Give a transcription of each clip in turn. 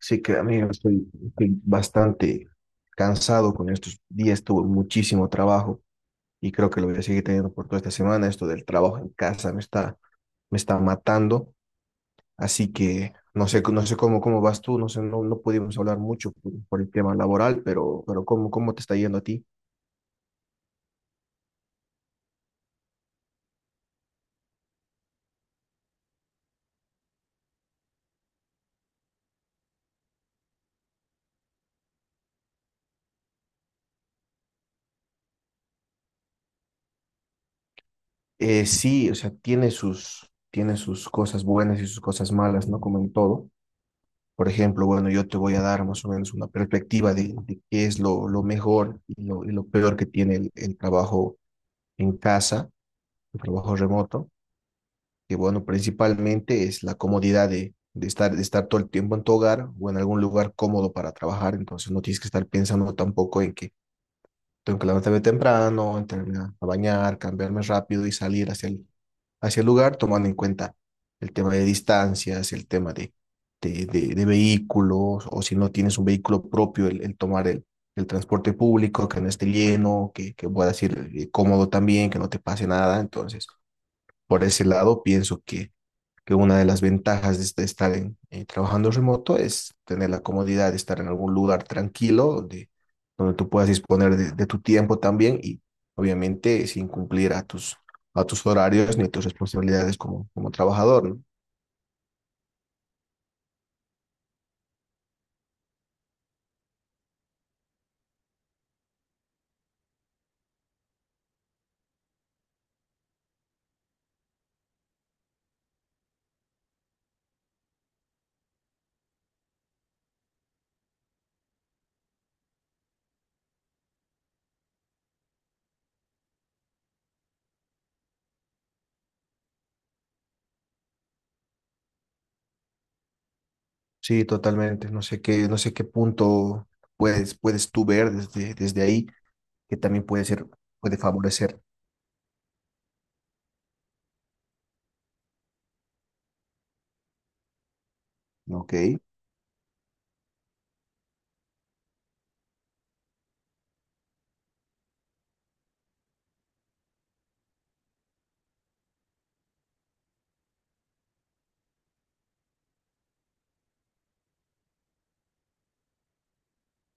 Sí que, amigo, estoy bastante cansado con estos días, tuve muchísimo trabajo y creo que lo voy a seguir teniendo por toda esta semana. Esto del trabajo en casa me está matando, así que no sé cómo, cómo vas tú, no sé, no, no pudimos hablar mucho por el tema laboral, pero ¿cómo, cómo te está yendo a ti? Sí, o sea, tiene sus cosas buenas y sus cosas malas, ¿no? Como en todo. Por ejemplo, bueno, yo te voy a dar más o menos una perspectiva de qué es lo mejor y lo peor que tiene el trabajo en casa, el trabajo remoto, que bueno, principalmente es la comodidad de estar todo el tiempo en tu hogar o en algún lugar cómodo para trabajar, entonces no tienes que estar pensando tampoco en que tengo que levantarme temprano, entrarme a bañar, cambiarme rápido y salir hacia el lugar, tomando en cuenta el tema de distancias, el tema de vehículos, o si no tienes un vehículo propio, el tomar el transporte público, que no esté lleno, que puedas ir cómodo también, que no te pase nada. Entonces, por ese lado, pienso que una de las ventajas de trabajando remoto es tener la comodidad de estar en algún lugar tranquilo, donde, donde tú puedas disponer de tu tiempo también y obviamente sin cumplir a tus horarios ni tus responsabilidades como, como trabajador, ¿no? Sí, totalmente. No sé qué punto puedes, puedes tú ver desde, desde ahí, que también puede ser, puede favorecer, ¿ok?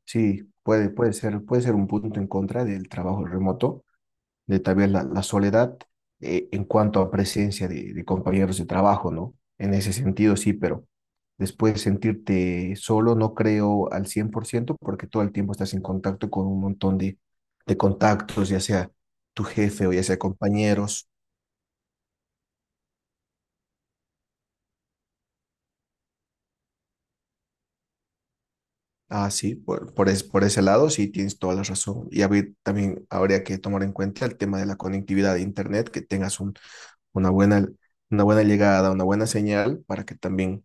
Sí, puede, puede ser un punto en contra del trabajo remoto de tal vez la, la soledad en cuanto a presencia de compañeros de trabajo, ¿no? En ese sentido sí, pero después sentirte solo no creo al 100% porque todo el tiempo estás en contacto con un montón de contactos, ya sea tu jefe o ya sea compañeros. Ah, sí, por ese lado sí tienes toda la razón. Y también habría que tomar en cuenta el tema de la conectividad de internet, que tengas un, una buena, una buena llegada, una buena señal para que también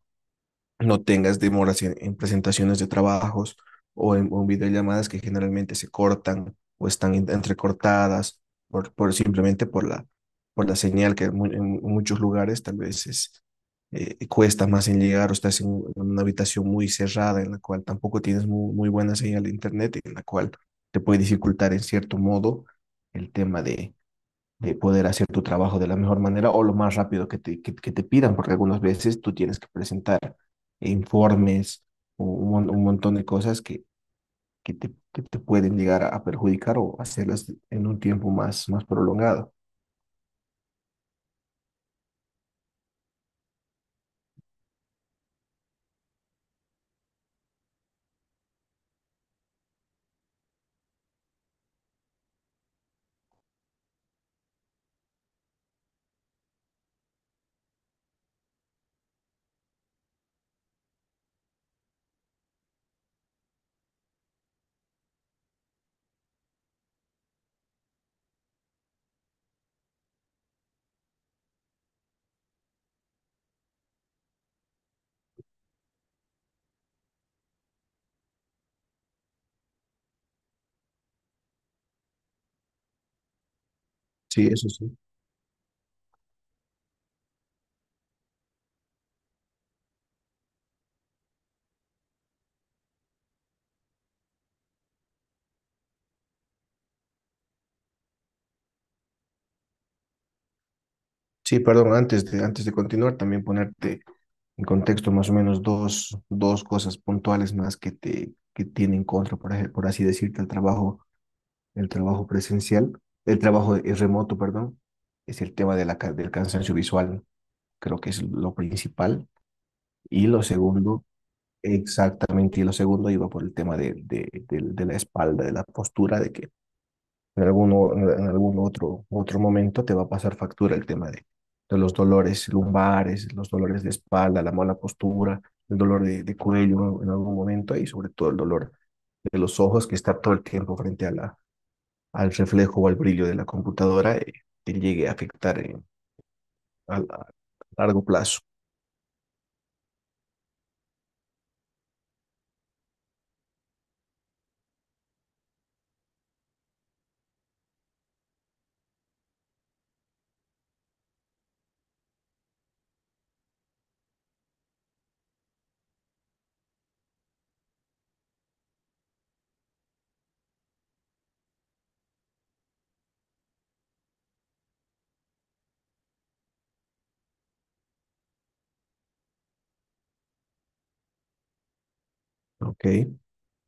no tengas demoras en presentaciones de trabajos o en videollamadas que generalmente se cortan o entrecortadas por simplemente por la señal que en muchos lugares tal vez es, cuesta más en llegar o estás en una habitación muy cerrada en la cual tampoco tienes muy buena señal de internet, en la cual te puede dificultar en cierto modo el tema de poder hacer tu trabajo de la mejor manera o lo más rápido que te pidan, porque algunas veces tú tienes que presentar informes o un montón de cosas que te pueden llegar a perjudicar o hacerlas en un tiempo más, más prolongado. Sí, eso sí. Sí, perdón, antes de continuar, también ponerte en contexto más o menos dos, dos cosas puntuales más que te que tienen contra, por así decirte, el trabajo. El trabajo presencial, el trabajo remoto, perdón, es el tema de del cansancio visual, creo que es lo principal. Y lo segundo, exactamente, y lo segundo iba por el tema de la espalda, de la postura, de que en algún otro, otro momento te va a pasar factura el tema de los dolores lumbares, los dolores de espalda, la mala postura, el dolor de cuello en algún momento y sobre todo el dolor de los ojos que está todo el tiempo frente a la, al reflejo o al brillo de la computadora te llegue a afectar a largo plazo. Ok,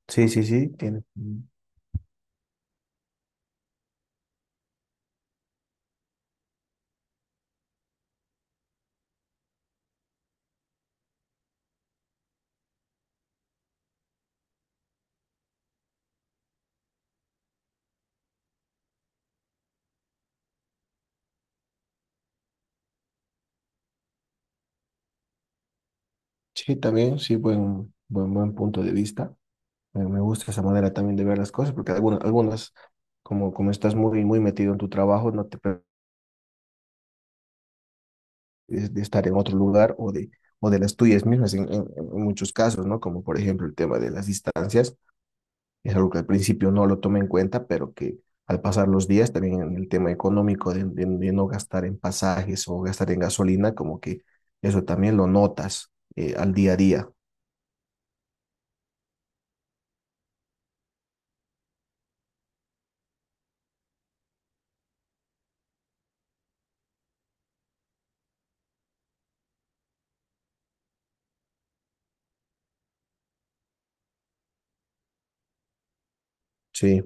sí, sí, sí, tiene. Sí, también, sí, buen punto de vista. Me gusta esa manera también de ver las cosas, porque algunas, algunas como, como estás muy metido en tu trabajo, no te permites de estar en otro lugar o de las tuyas mismas en muchos casos, ¿no? Como por ejemplo el tema de las distancias. Es algo que al principio no lo tomé en cuenta, pero que al pasar los días, también en el tema económico de no gastar en pasajes o gastar en gasolina, como que eso también lo notas al día a día. Sí,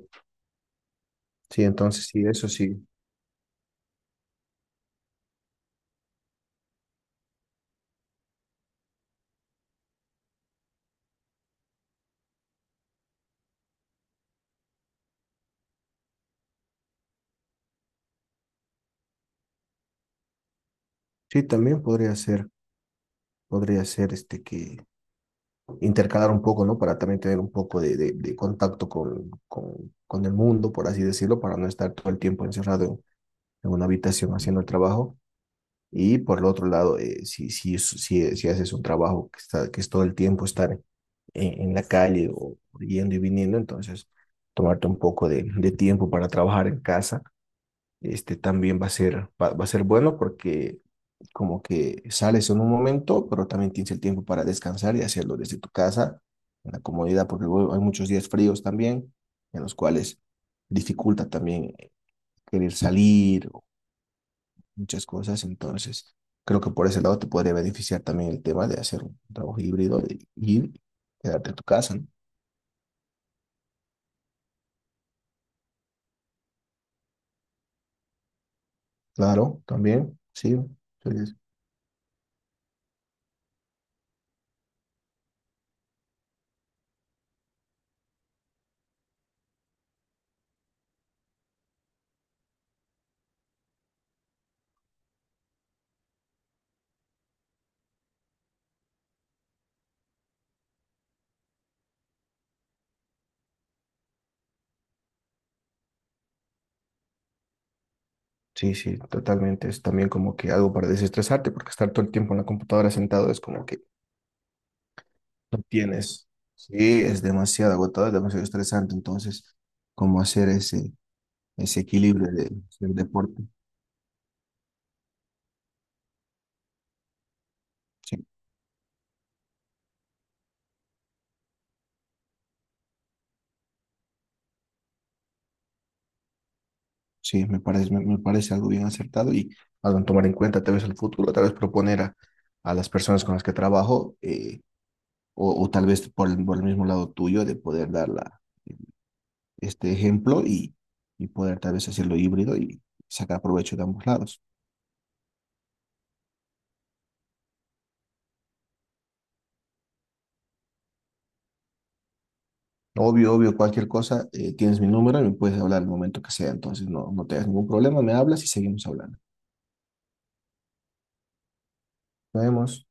sí, entonces sí, eso sí. Sí, también podría ser este que intercalar un poco, ¿no? Para también tener un poco de contacto con el mundo, por así decirlo, para no estar todo el tiempo encerrado en una habitación haciendo el trabajo. Y por el otro lado, si haces un trabajo que, está, que es todo el tiempo estar en la calle o yendo y viniendo, entonces tomarte un poco de tiempo para trabajar en casa, este también va a ser bueno porque como que sales en un momento, pero también tienes el tiempo para descansar y hacerlo desde tu casa, en la comodidad, porque luego hay muchos días fríos también, en los cuales dificulta también querer salir muchas cosas, entonces creo que por ese lado te podría beneficiar también el tema de hacer un trabajo híbrido y quedarte en tu casa, ¿no? Claro, también, sí, sí, sí, sí, totalmente, es también como que algo para desestresarte, porque estar todo el tiempo en la computadora sentado es como que no tienes, sí, es demasiado agotador, es demasiado estresante, entonces, como hacer ese, ese equilibrio de, del deporte, sí. Sí, me parece, me parece algo bien acertado y algo en tomar en cuenta, tal vez el futuro, tal vez proponer a las personas con las que trabajo, o tal vez por el mismo lado tuyo, de poder este ejemplo y poder tal vez hacerlo híbrido y sacar provecho de ambos lados. Obvio, obvio, cualquier cosa, tienes mi número y me puedes hablar el momento que sea, entonces no, no tengas ningún problema, me hablas y seguimos hablando. Nos vemos.